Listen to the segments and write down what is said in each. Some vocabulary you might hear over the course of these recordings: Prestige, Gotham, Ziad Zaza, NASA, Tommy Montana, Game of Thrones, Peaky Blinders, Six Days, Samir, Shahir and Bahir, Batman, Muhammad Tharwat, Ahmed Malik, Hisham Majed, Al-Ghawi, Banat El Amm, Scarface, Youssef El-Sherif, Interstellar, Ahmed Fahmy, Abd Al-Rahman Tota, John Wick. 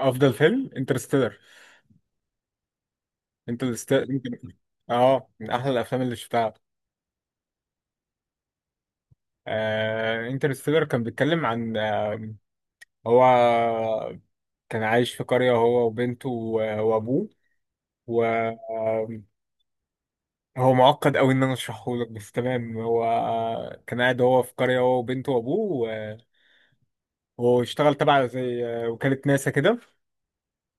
افضل فيلم انترستيلر، انترستيلر. اه، من احلى الافلام اللي شفتها. انترستيلر كان بيتكلم عن هو، كان عايش في قرية، هو وبنته وابوه و آه، هو معقد قوي ان انا اشرحه لك، بس تمام. هو كان قاعد هو في قرية، هو وبنته وابوه وهو اشتغل تبع زي وكالة ناسا كده،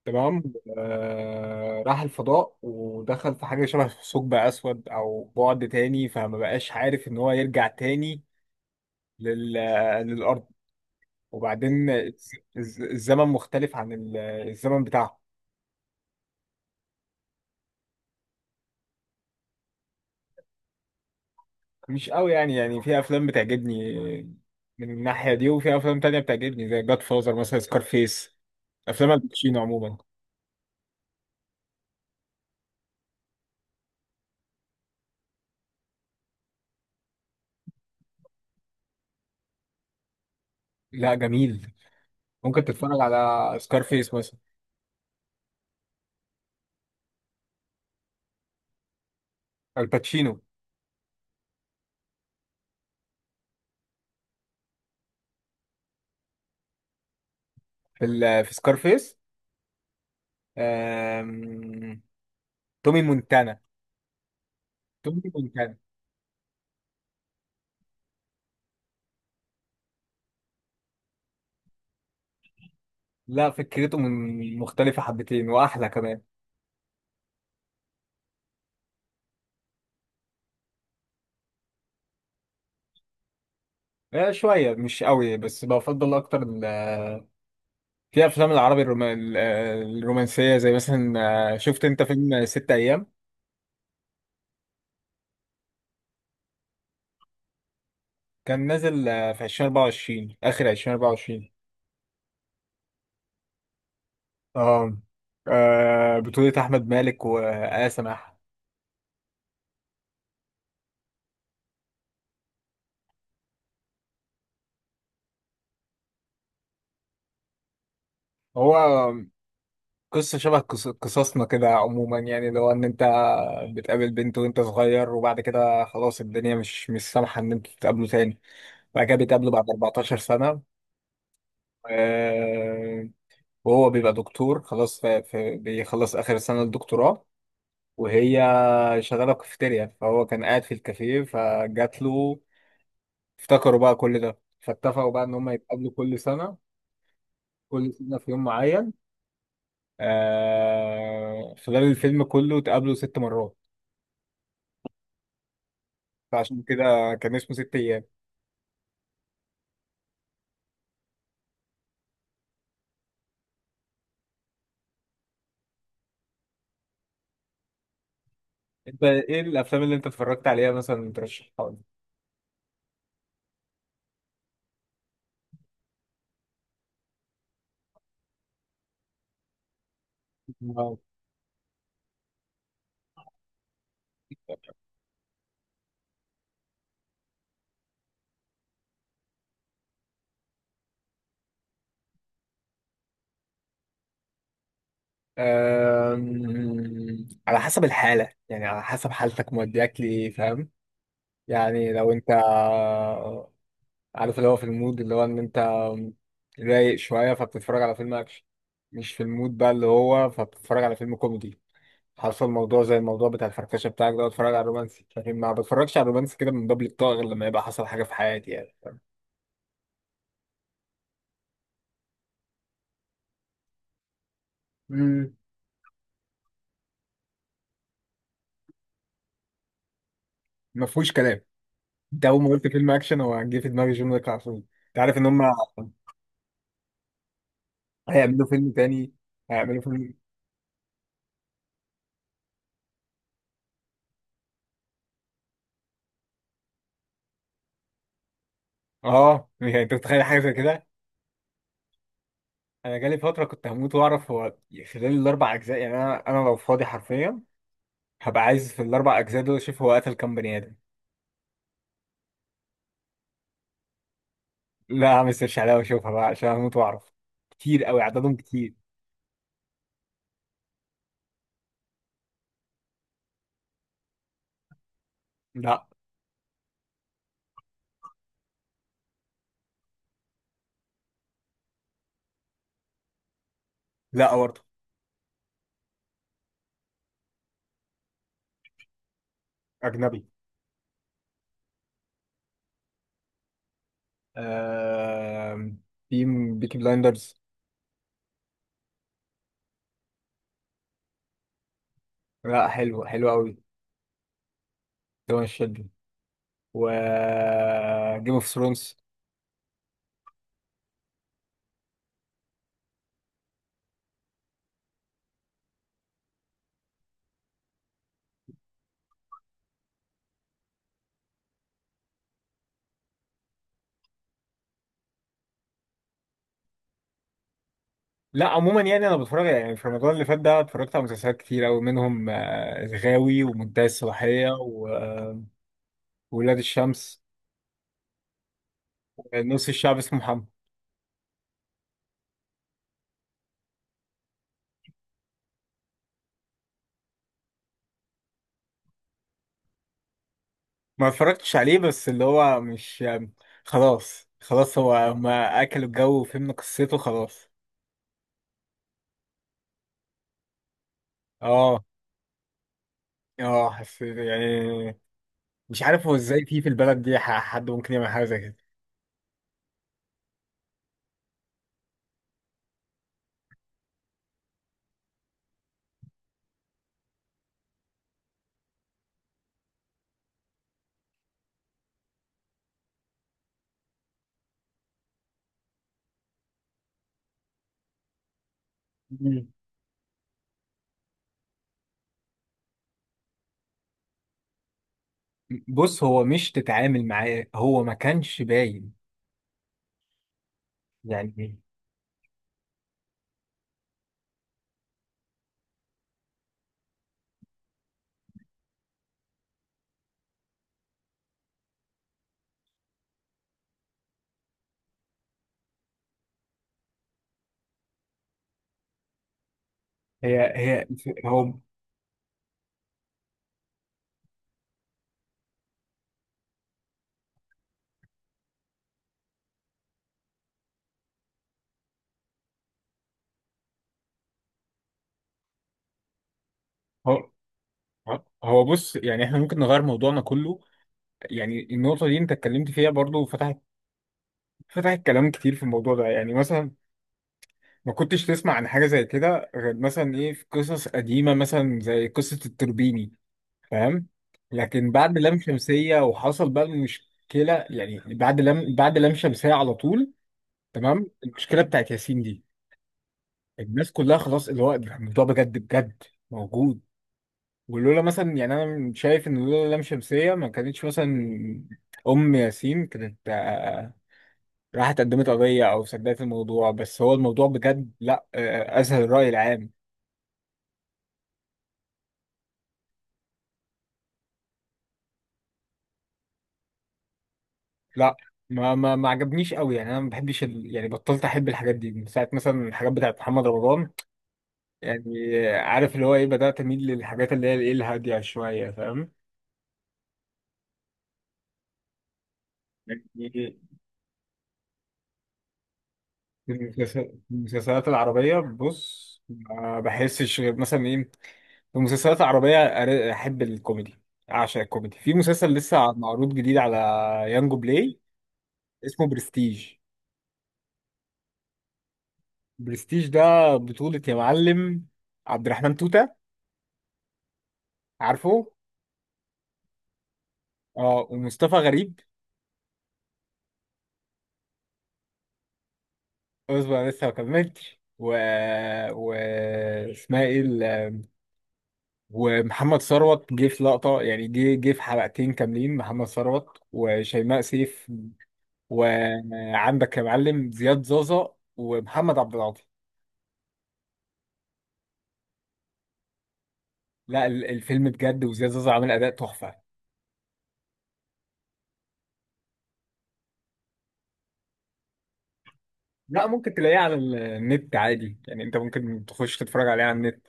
تمام. راح الفضاء ودخل في حاجة شبه ثقب أسود أو بعد تاني، فما بقاش عارف إن هو يرجع تاني لل... للأرض. وبعدين الزمن مختلف عن الزمن بتاعه. مش قوي يعني، في أفلام بتعجبني من الناحية دي، وفي أفلام تانية بتعجبني زي جاد فازر، مثلا سكارفيس، أفلام الباتشينو عموما. لا جميل، ممكن تتفرج على سكارفيس مثلا. الباتشينو في سكارفيس، تومي مونتانا، تومي مونتانا. لا، فكرته من مختلفة حبتين وأحلى كمان. شوية مش قوي، بس بفضل أكتر في أفلام العربي الرومانسية، زي مثلا شفت أنت فيلم ست أيام؟ كان نازل في 2024، آخر 2024. آه بطولة آحمد مالك وآية سماحة. هو قصة شبه قصصنا كده عموما، يعني لو إن أنت بتقابل بنت وأنت صغير، وبعد كده خلاص الدنيا مش سامحة إن أنتوا تتقابلوا تاني. بعد كده بيتقابلوا بعد 14 سنة، آه، وهو بيبقى دكتور خلاص بيخلص آخر سنة الدكتوراه. وهي شغالة كافيتيريا، فهو كان قاعد في الكافيه فجات له، افتكروا بقى كل ده، فاتفقوا بقى إن هم يتقابلوا كل سنة، كل سنة في يوم معين. خلال الفيلم كله اتقابلوا ست مرات، فعشان كده كان اسمه ست أيام. أنت إيه الأفلام اللي أنت اتفرجت عليها مثلا ترشحها لي؟ على حسب الحالة، يعني على حسب حالتك مودياك لإيه، فاهم. يعني لو أنت عارف اللي هو في المود، اللي هو إن أنت رايق شوية فبتتفرج على فيلم أكشن، مش في المود بقى اللي هو فبتتفرج على فيلم كوميدي. حصل موضوع زي الموضوع بتاع الفركشة بتاعك ده، اتفرج على رومانسي، لكن ما بتفرجش على رومانسي كده من باب الطاقة غير لما يبقى حصل حاجة في حياتي، يعني فاهم؟ مم. ما فيهوش كلام. أنت أول ما قلت فيلم أكشن، هو جه في دماغي جون ويك على طول. أنت عارف إن هما هيعملوا فيلم تاني. هيعملوا فيلم. اه، يعني انت متخيل حاجه زي كده. انا جالي فتره كنت هموت واعرف هو خلال الاربع اجزاء، يعني انا لو فاضي حرفيا هبقى عايز في الاربع اجزاء دول اشوف هو قتل كام بني ادم. لا، اعمل سيرش عليها واشوفها بقى عشان هموت واعرف، كتير قوي عددهم، كتير. لا، لا، برضه. اجنبي. آه... في بيكي بلايندرز. لا، حلو حلو قوي. ده مش شدني. و جيم اوف ثرونز. لا عموما يعني انا بتفرج، يعني في رمضان اللي فات ده اتفرجت على مسلسلات كتير قوي، منهم الغاوي ومنتهى الصلاحيه وولاد الشمس، نص الشعب اسمه محمد. ما اتفرجتش عليه، بس اللي هو مش خلاص خلاص. هو هما اكلوا الجو وفهمنا قصته خلاص. اه، اه، حسيت يعني، مش عارف هو ازاي في البلد دي حد ممكن يعمل حاجه زي كده. مم. بص هو مش تتعامل معاه، هو ما كانش باين. يعني هي هي هو هو اه، هو بص، يعني احنا ممكن نغير موضوعنا كله، يعني النقطة دي انت اتكلمت فيها برضو، فتحت كلام كتير في الموضوع ده. يعني مثلا ما كنتش تسمع عن حاجة زي كده غير مثلا ايه، في قصص قديمة مثلا زي قصة التربيني، فاهم. لكن بعد لام شمسية وحصل بقى المشكلة، يعني بعد لام شمسية على طول، تمام. المشكلة بتاعت ياسين دي، الناس كلها خلاص اللي هو الموضوع بجد بجد موجود. ولولا مثلا، يعني انا شايف ان لولا لام شمسية ما كانتش مثلا ام ياسين كانت راحت قدمت قضية او سددت الموضوع. بس هو الموضوع بجد لا اسهل الرأي العام. لا ما عجبنيش قوي، يعني انا ما بحبش يعني بطلت احب الحاجات دي من ساعة مثلا الحاجات بتاعت محمد رمضان. يعني عارف اللي هو ايه، بدأت اميل للحاجات اللي هي الايه الهادية شوية، فاهم. يعني المسلسلات العربية بص، ما بحسش غير مثلا ايه. في مسلسلات عربية أحب الكوميدي، أعشق الكوميدي. في مسلسل لسه معروض جديد على يانجو بلاي، اسمه برستيج. برستيج ده بطولة يا معلم عبد الرحمن توتة، عارفه. اه، ومصطفى غريب. اصبر أنا لسه ما كملتش و اسمها ايه ومحمد ثروت جه في لقطة، يعني جه في حلقتين كاملين، محمد ثروت وشيماء سيف. وعندك يا معلم زياد زازا ومحمد عبد العاطي. لا الفيلم بجد، وزياد زازا عامل اداء تحفه. لا ممكن تلاقيه على النت عادي، يعني انت ممكن تخش تتفرج عليه على النت.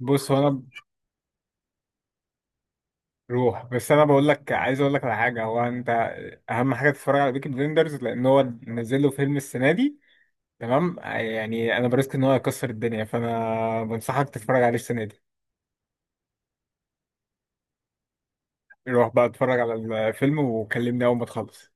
بص هو انا، روح، بس انا بقول لك، عايز اقول لك على حاجه. هو انت اهم حاجه تتفرج على بيكي بليندرز، لان هو نزل له فيلم السنه دي، تمام. يعني انا بريسك ان هو هيكسر الدنيا، فانا بنصحك تتفرج عليه السنه دي. روح بقى اتفرج على الفيلم وكلمني اول ما تخلص.